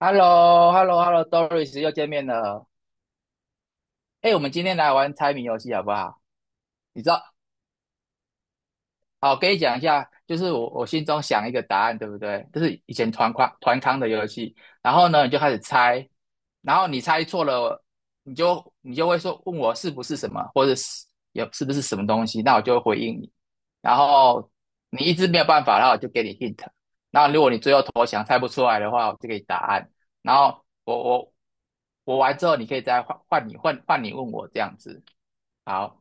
h e l l o h e l l o h e l l o d o r i s 又见面了。哎，我们今天来玩猜谜游戏好不好？你知道，好，我跟你讲一下，就是我心中想一个答案，对不对？就是以前团康的游戏，然后呢，你就开始猜，然后你猜错了，你就会说问我是不是什么，或者是有是不是什么东西，那我就会回应你，然后你一直没有办法，然后我就给你 hint，然后如果你最后投降猜不出来的话，我就给你答案，然后我完之后，你可以再换换你换换你问我这样子，好。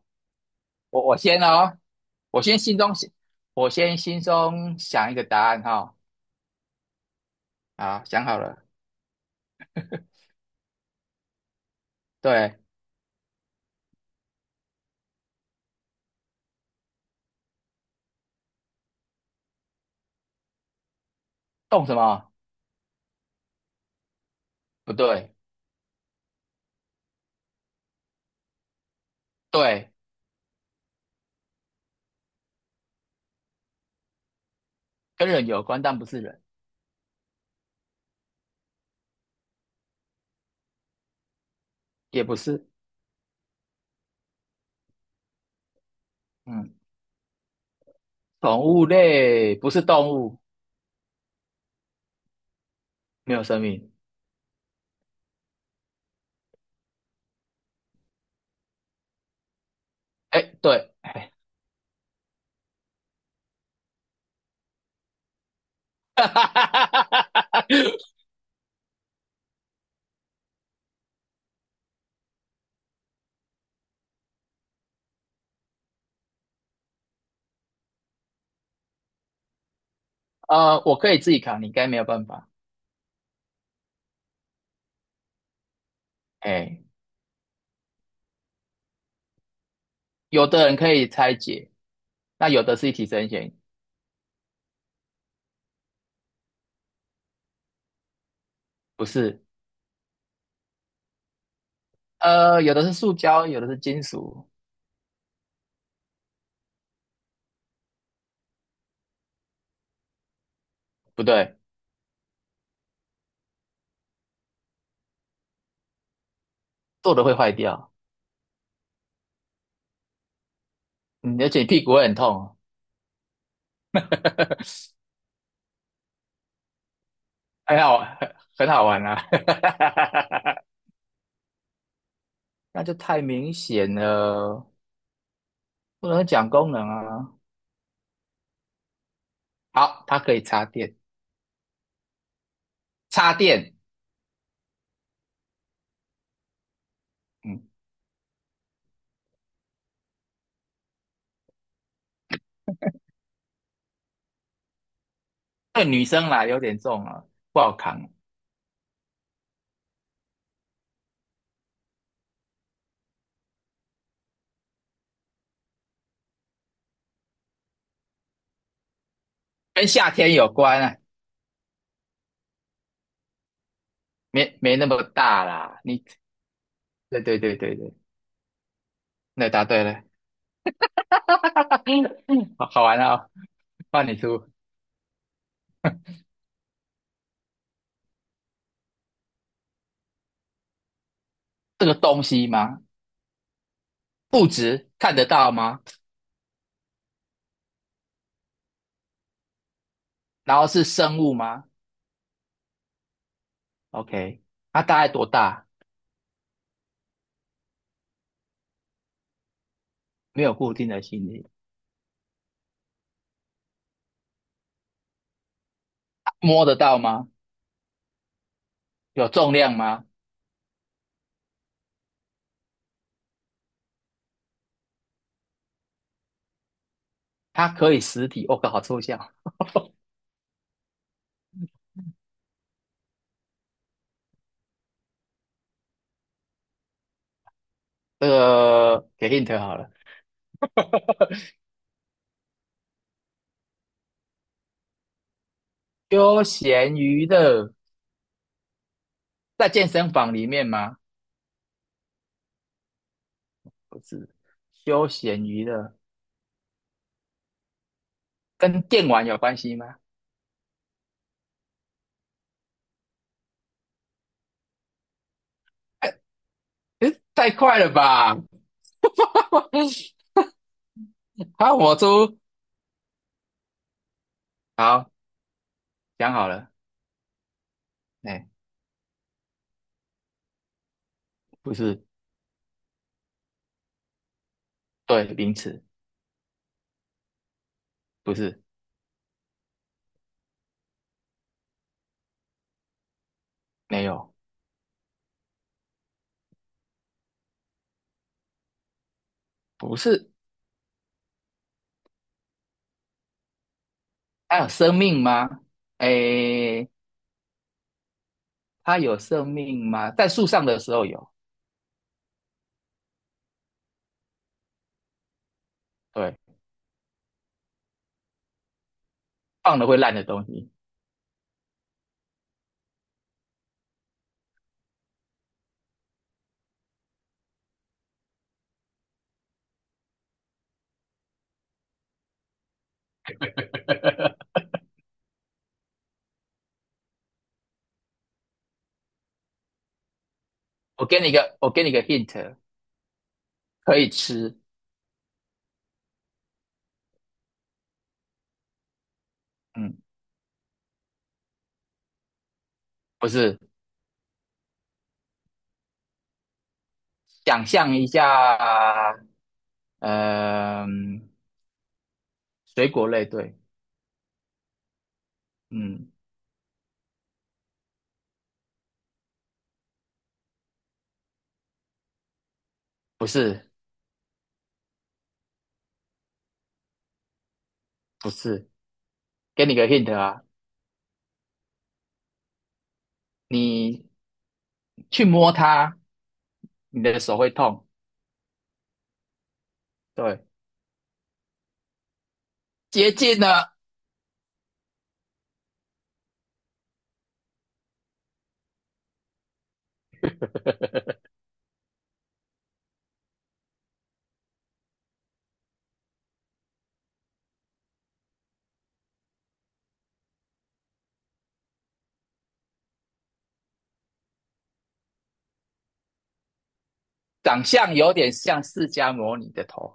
我先哦，我先心中想，我先心中想一个答案哈、啊，想好了。对，动什么？不对，对，跟人有关，但不是人，也不是。嗯，宠物类不是动物，没有生命。哎，对，哎，我可以自己扛，你应该没有办法。哎，有的人可以拆解，那有的是一体成型，不是。有的是塑胶，有的是金属，不对，做的会坏掉。嗯，而且你屁股会很痛哦，很好，很好玩啊，那就太明显了，不能讲功能啊。好，它可以插电，插电，嗯，对女生啦有点重啊，不好扛，跟夏天有关啊，没没那么大啦。你，对对对对对，那答对了，好好玩啊、哦，换你出这个东西吗？物质看得到吗？然后是生物吗？OK，它大概多大？没有固定的心理，摸得到吗？有重量吗？它可以实体，我靠，好抽象。这个给 hint 好了，休闲娱乐在健身房里面吗？不是，休闲娱乐跟电玩有关系吗？哎，诶太快了吧！好，我出，好，讲好了，哎，欸不是，对，名词，不是，没有，不是，它有生命吗？哎，欸它有生命吗？在树上的时候有，对。放了会烂的东西。我给你一个，我给你一个 hint，可以吃。嗯，不是，想象一下，嗯、水果类，对，嗯，不是，不是，给你个 hint 啊，你去摸它，你的手会痛。对，接近呢，长相有点像释迦摩尼的头。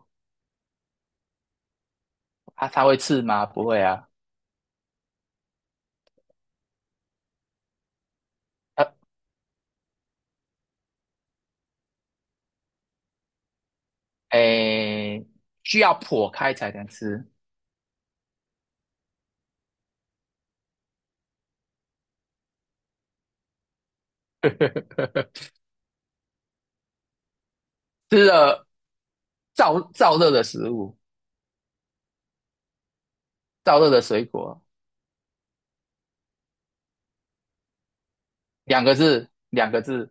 它它会刺吗？不会啊。呃，诶，需要剖开才能吃，吃了燥热的食物。燥热的水果，两个字，两个字，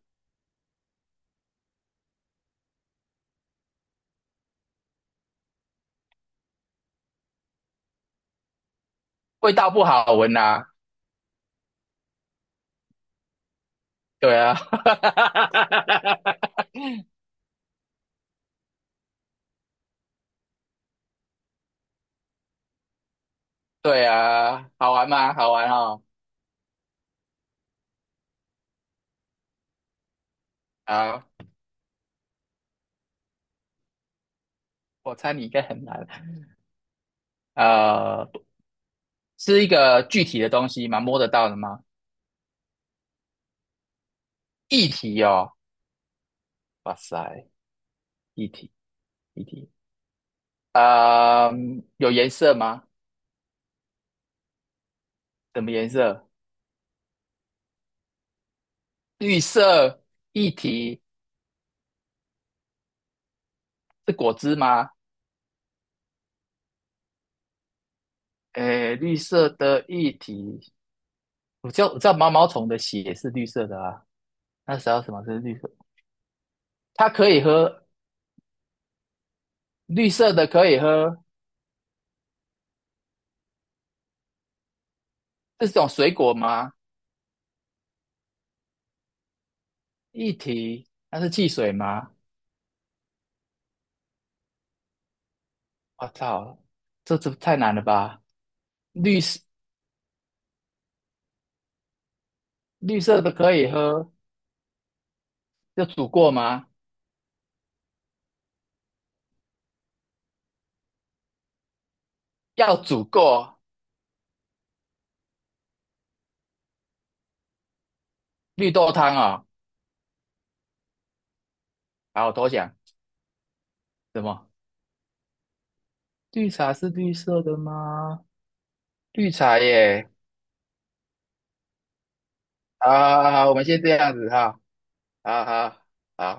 味道不好闻呐、对啊，对啊，好玩吗？好玩哦。好，我猜你应该很难。呃，是一个具体的东西吗？摸得到的吗？液体哦，哇塞，液体，液体。呃，有颜色吗？什么颜色？绿色液体是果汁吗？诶，绿色的液体我知道毛毛虫的血是绿色的啊，那时候什么是绿色？它可以喝绿色的，可以喝，这是种水果吗？液体，那是汽水吗？我操，这这太难了吧！绿色绿色的可以喝，要煮过吗？要煮过绿豆汤哦。好，我投降。什么？绿茶是绿色的吗？绿茶耶！好好好，我们先这样子哈，好好好。